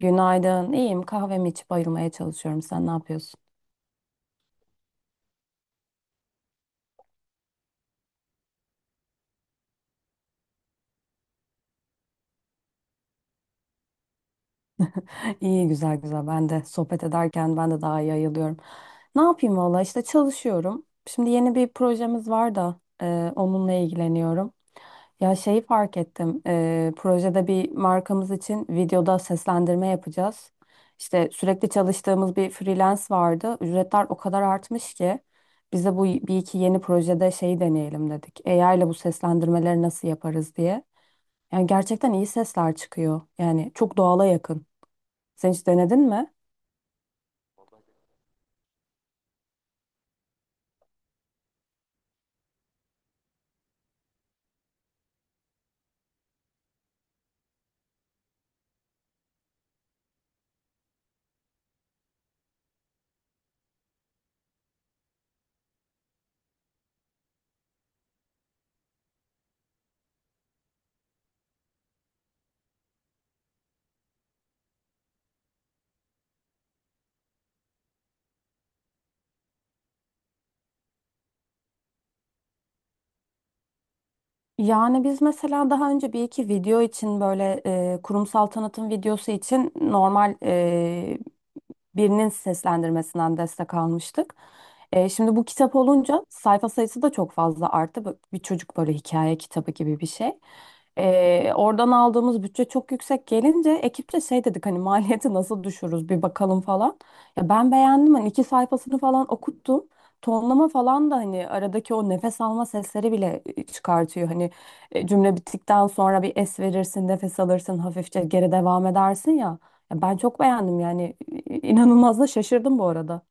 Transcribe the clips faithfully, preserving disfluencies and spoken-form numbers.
Günaydın. İyiyim. Kahvemi içip ayılmaya çalışıyorum. Sen ne yapıyorsun? İyi, güzel güzel. Ben de sohbet ederken ben de daha iyi ayılıyorum. Ne yapayım valla işte çalışıyorum. Şimdi yeni bir projemiz var da e, onunla ilgileniyorum. Ya şeyi fark ettim. E, projede bir markamız için videoda seslendirme yapacağız. İşte sürekli çalıştığımız bir freelance vardı. Ücretler o kadar artmış ki biz de bu bir iki yeni projede şeyi deneyelim dedik. A I ile bu seslendirmeleri nasıl yaparız diye. Yani gerçekten iyi sesler çıkıyor. Yani çok doğala yakın. Sen hiç denedin mi? Yani biz mesela daha önce bir iki video için böyle e, kurumsal tanıtım videosu için normal e, birinin seslendirmesinden destek almıştık. E, şimdi bu kitap olunca sayfa sayısı da çok fazla arttı. Bu- Bir çocuk böyle hikaye kitabı gibi bir şey. Ee, oradan aldığımız bütçe çok yüksek gelince ekipçe şey dedik hani maliyeti nasıl düşürürüz bir bakalım falan. Ya ben beğendim hani iki sayfasını falan okuttum. Tonlama falan da hani aradaki o nefes alma sesleri bile e, çıkartıyor. Hani e, cümle bittikten sonra bir es verirsin, nefes alırsın, hafifçe geri devam edersin ya. Ya ben çok beğendim yani İ- inanılmaz da şaşırdım bu arada.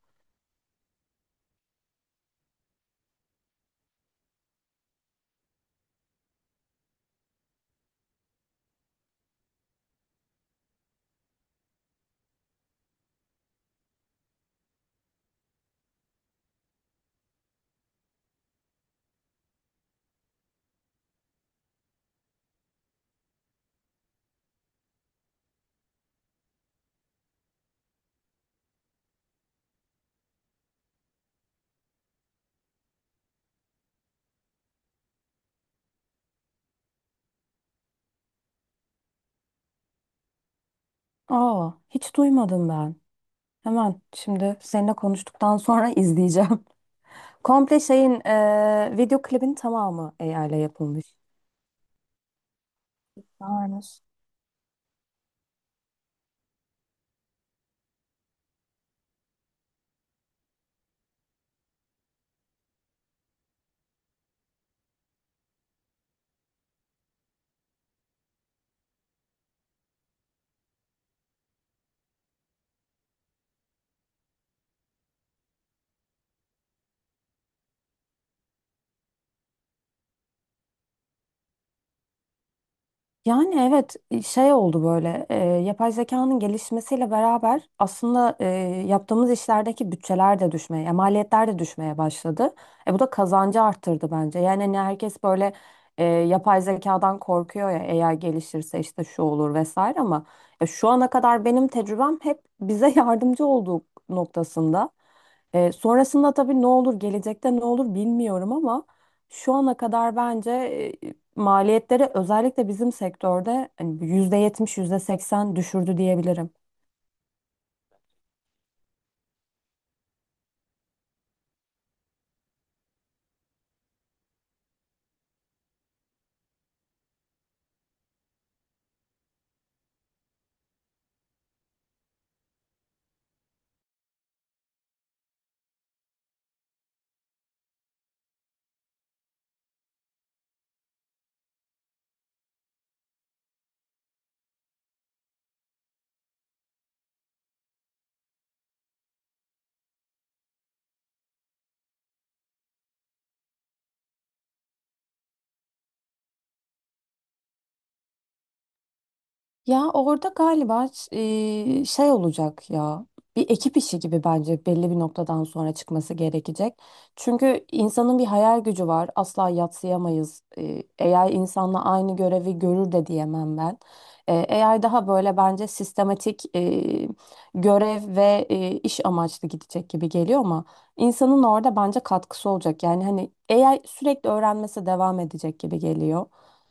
Aa, hiç duymadım ben. Hemen şimdi seninle konuştuktan sonra izleyeceğim. Komple şeyin e, video klibin tamamı A I ile yapılmış. Aynen. Yani evet, e, şey oldu böyle, e, yapay zekanın gelişmesiyle beraber aslında e, yaptığımız işlerdeki bütçeler de düşmeye, yani maliyetler de düşmeye başladı. E, bu da kazancı arttırdı bence. Yani hani herkes böyle e, yapay zekadan korkuyor ya, eğer gelişirse işte şu olur vesaire, ama e, şu ana kadar benim tecrübem hep bize yardımcı olduğu noktasında. E, sonrasında tabii ne olur, gelecekte ne olur bilmiyorum, ama şu ana kadar bence e, maliyetleri özellikle bizim sektörde hani yüzde yetmiş, yüzde seksen düşürdü diyebilirim. Ya orada galiba e, şey olacak ya. Bir ekip işi gibi bence belli bir noktadan sonra çıkması gerekecek. Çünkü insanın bir hayal gücü var. Asla yadsıyamayız. E, A I insanla aynı görevi görür de diyemem ben. E, A I daha böyle bence sistematik e, görev ve e, iş amaçlı gidecek gibi geliyor, ama insanın orada bence katkısı olacak. Yani hani A I sürekli öğrenmesi devam edecek gibi geliyor.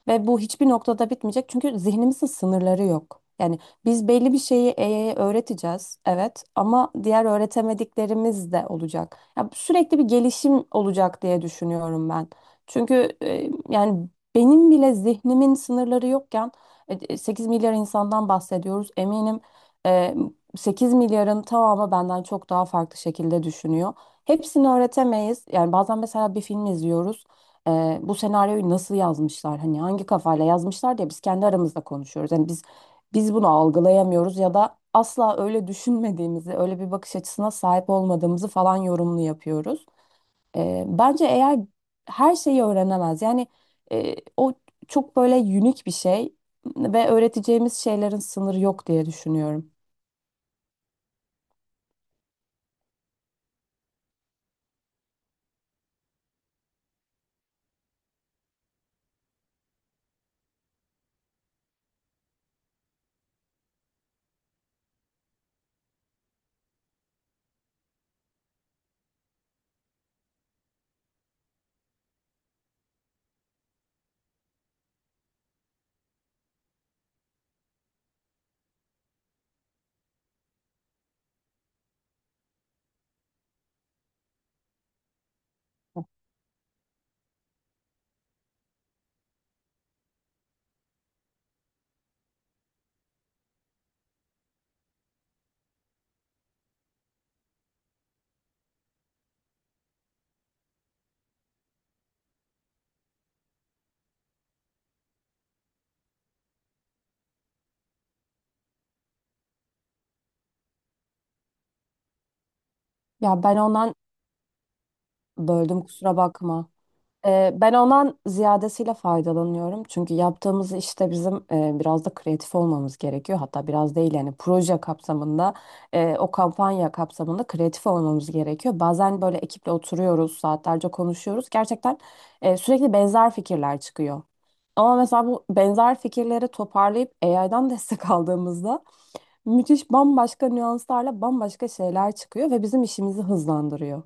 Ve bu hiçbir noktada bitmeyecek çünkü zihnimizin sınırları yok. Yani biz belli bir şeyi A I'ye öğreteceğiz, evet, ama diğer öğretemediklerimiz de olacak. Ya sürekli bir gelişim olacak diye düşünüyorum ben. Çünkü e, yani benim bile zihnimin sınırları yokken e, sekiz milyar insandan bahsediyoruz. Eminim e, sekiz milyarın tamamı benden çok daha farklı şekilde düşünüyor. Hepsini öğretemeyiz. Yani bazen mesela bir film izliyoruz, e, bu senaryoyu nasıl yazmışlar, hani hangi kafayla yazmışlar diye biz kendi aramızda konuşuyoruz. Yani biz biz bunu algılayamıyoruz, ya da asla öyle düşünmediğimizi, öyle bir bakış açısına sahip olmadığımızı falan yorumlu yapıyoruz. E, bence eğer her şeyi öğrenemez. Yani e, o çok böyle unik bir şey ve öğreteceğimiz şeylerin sınırı yok diye düşünüyorum. Ya ben ondan böldüm, kusura bakma. Ee, Ben ondan ziyadesiyle faydalanıyorum. Çünkü yaptığımız işte bizim e, biraz da kreatif olmamız gerekiyor. Hatta biraz değil yani, proje kapsamında, e, o kampanya kapsamında kreatif olmamız gerekiyor. Bazen böyle ekiple oturuyoruz, saatlerce konuşuyoruz. Gerçekten e, sürekli benzer fikirler çıkıyor. Ama mesela bu benzer fikirleri toparlayıp A I'dan destek aldığımızda müthiş, bambaşka nüanslarla bambaşka şeyler çıkıyor ve bizim işimizi hızlandırıyor.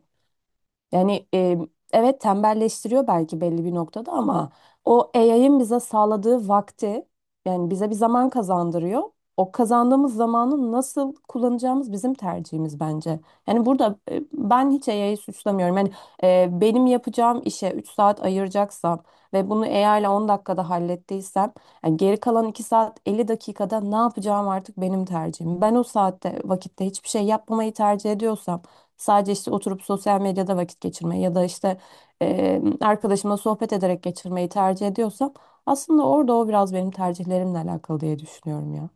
Yani e, evet, tembelleştiriyor belki belli bir noktada, ama o A I'ın bize sağladığı vakti, yani bize bir zaman kazandırıyor. O kazandığımız zamanı nasıl kullanacağımız bizim tercihimiz bence. Yani burada e, ben hiç A I'yi suçlamıyorum. Yani e, benim yapacağım işe üç saat ayıracaksam ve bunu A I ile on dakikada hallettiysem, yani geri kalan iki saat elli dakikada ne yapacağım artık benim tercihim. Ben o saatte vakitte hiçbir şey yapmamayı tercih ediyorsam, sadece işte oturup sosyal medyada vakit geçirmeyi ya da işte e, arkadaşıma sohbet ederek geçirmeyi tercih ediyorsam, aslında orada o biraz benim tercihlerimle alakalı diye düşünüyorum ya.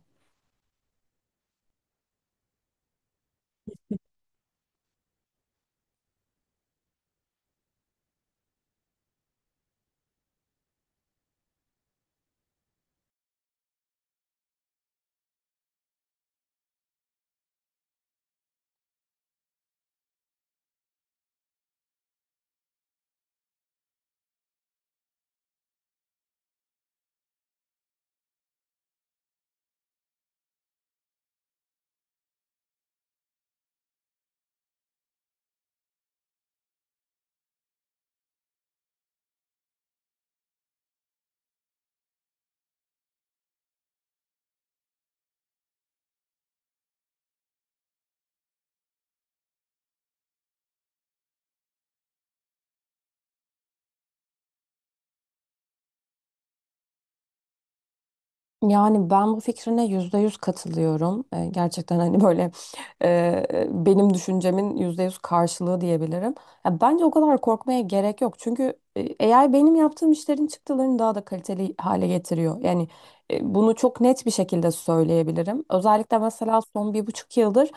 Yani ben bu fikrine yüzde yüz katılıyorum. Ee, gerçekten hani böyle e, benim düşüncemin yüzde yüz karşılığı diyebilirim. Ya bence o kadar korkmaya gerek yok. Çünkü e, A I benim yaptığım işlerin çıktılarını daha da kaliteli hale getiriyor. Yani e, bunu çok net bir şekilde söyleyebilirim. Özellikle mesela son bir buçuk yıldır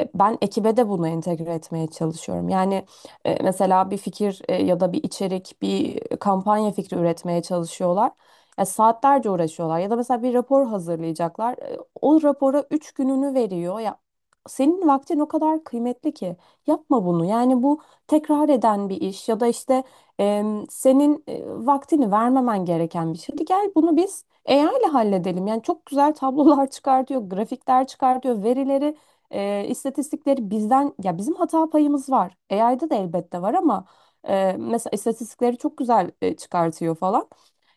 e, ben ekibe de bunu entegre etmeye çalışıyorum. Yani e, mesela bir fikir, e, ya da bir içerik, bir kampanya fikri üretmeye çalışıyorlar. Ya saatlerce uğraşıyorlar ya da mesela bir rapor hazırlayacaklar. E, O rapora üç gününü veriyor. Ya senin vaktin o kadar kıymetli ki yapma bunu. Yani bu tekrar eden bir iş ya da işte, em, senin e, vaktini vermemen gereken bir şey. Hadi gel bunu biz A I ile halledelim. Yani çok güzel tablolar çıkartıyor, grafikler çıkartıyor, verileri, e, istatistikleri bizden, ya bizim hata payımız var. A I'da da elbette var, ama e, mesela istatistikleri çok güzel e, çıkartıyor falan.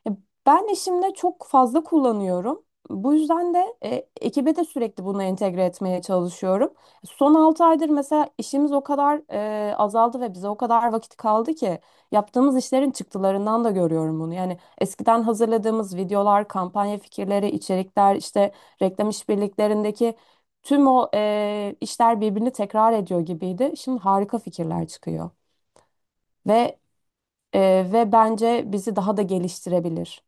Ya ben işimde çok fazla kullanıyorum. Bu yüzden de e, ekibe de sürekli bunu entegre etmeye çalışıyorum. Son altı aydır mesela işimiz o kadar e, azaldı ve bize o kadar vakit kaldı ki yaptığımız işlerin çıktılarından da görüyorum bunu. Yani eskiden hazırladığımız videolar, kampanya fikirleri, içerikler, işte reklam işbirliklerindeki tüm o e, işler birbirini tekrar ediyor gibiydi. Şimdi harika fikirler çıkıyor ve ee, ve bence bizi daha da geliştirebilir.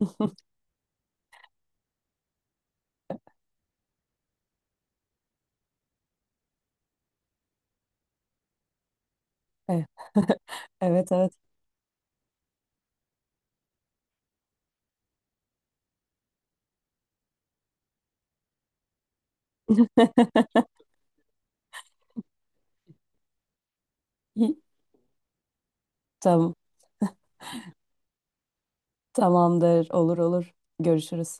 Evet, evet, evet. Tamam, tamamdır, olur olur. Görüşürüz.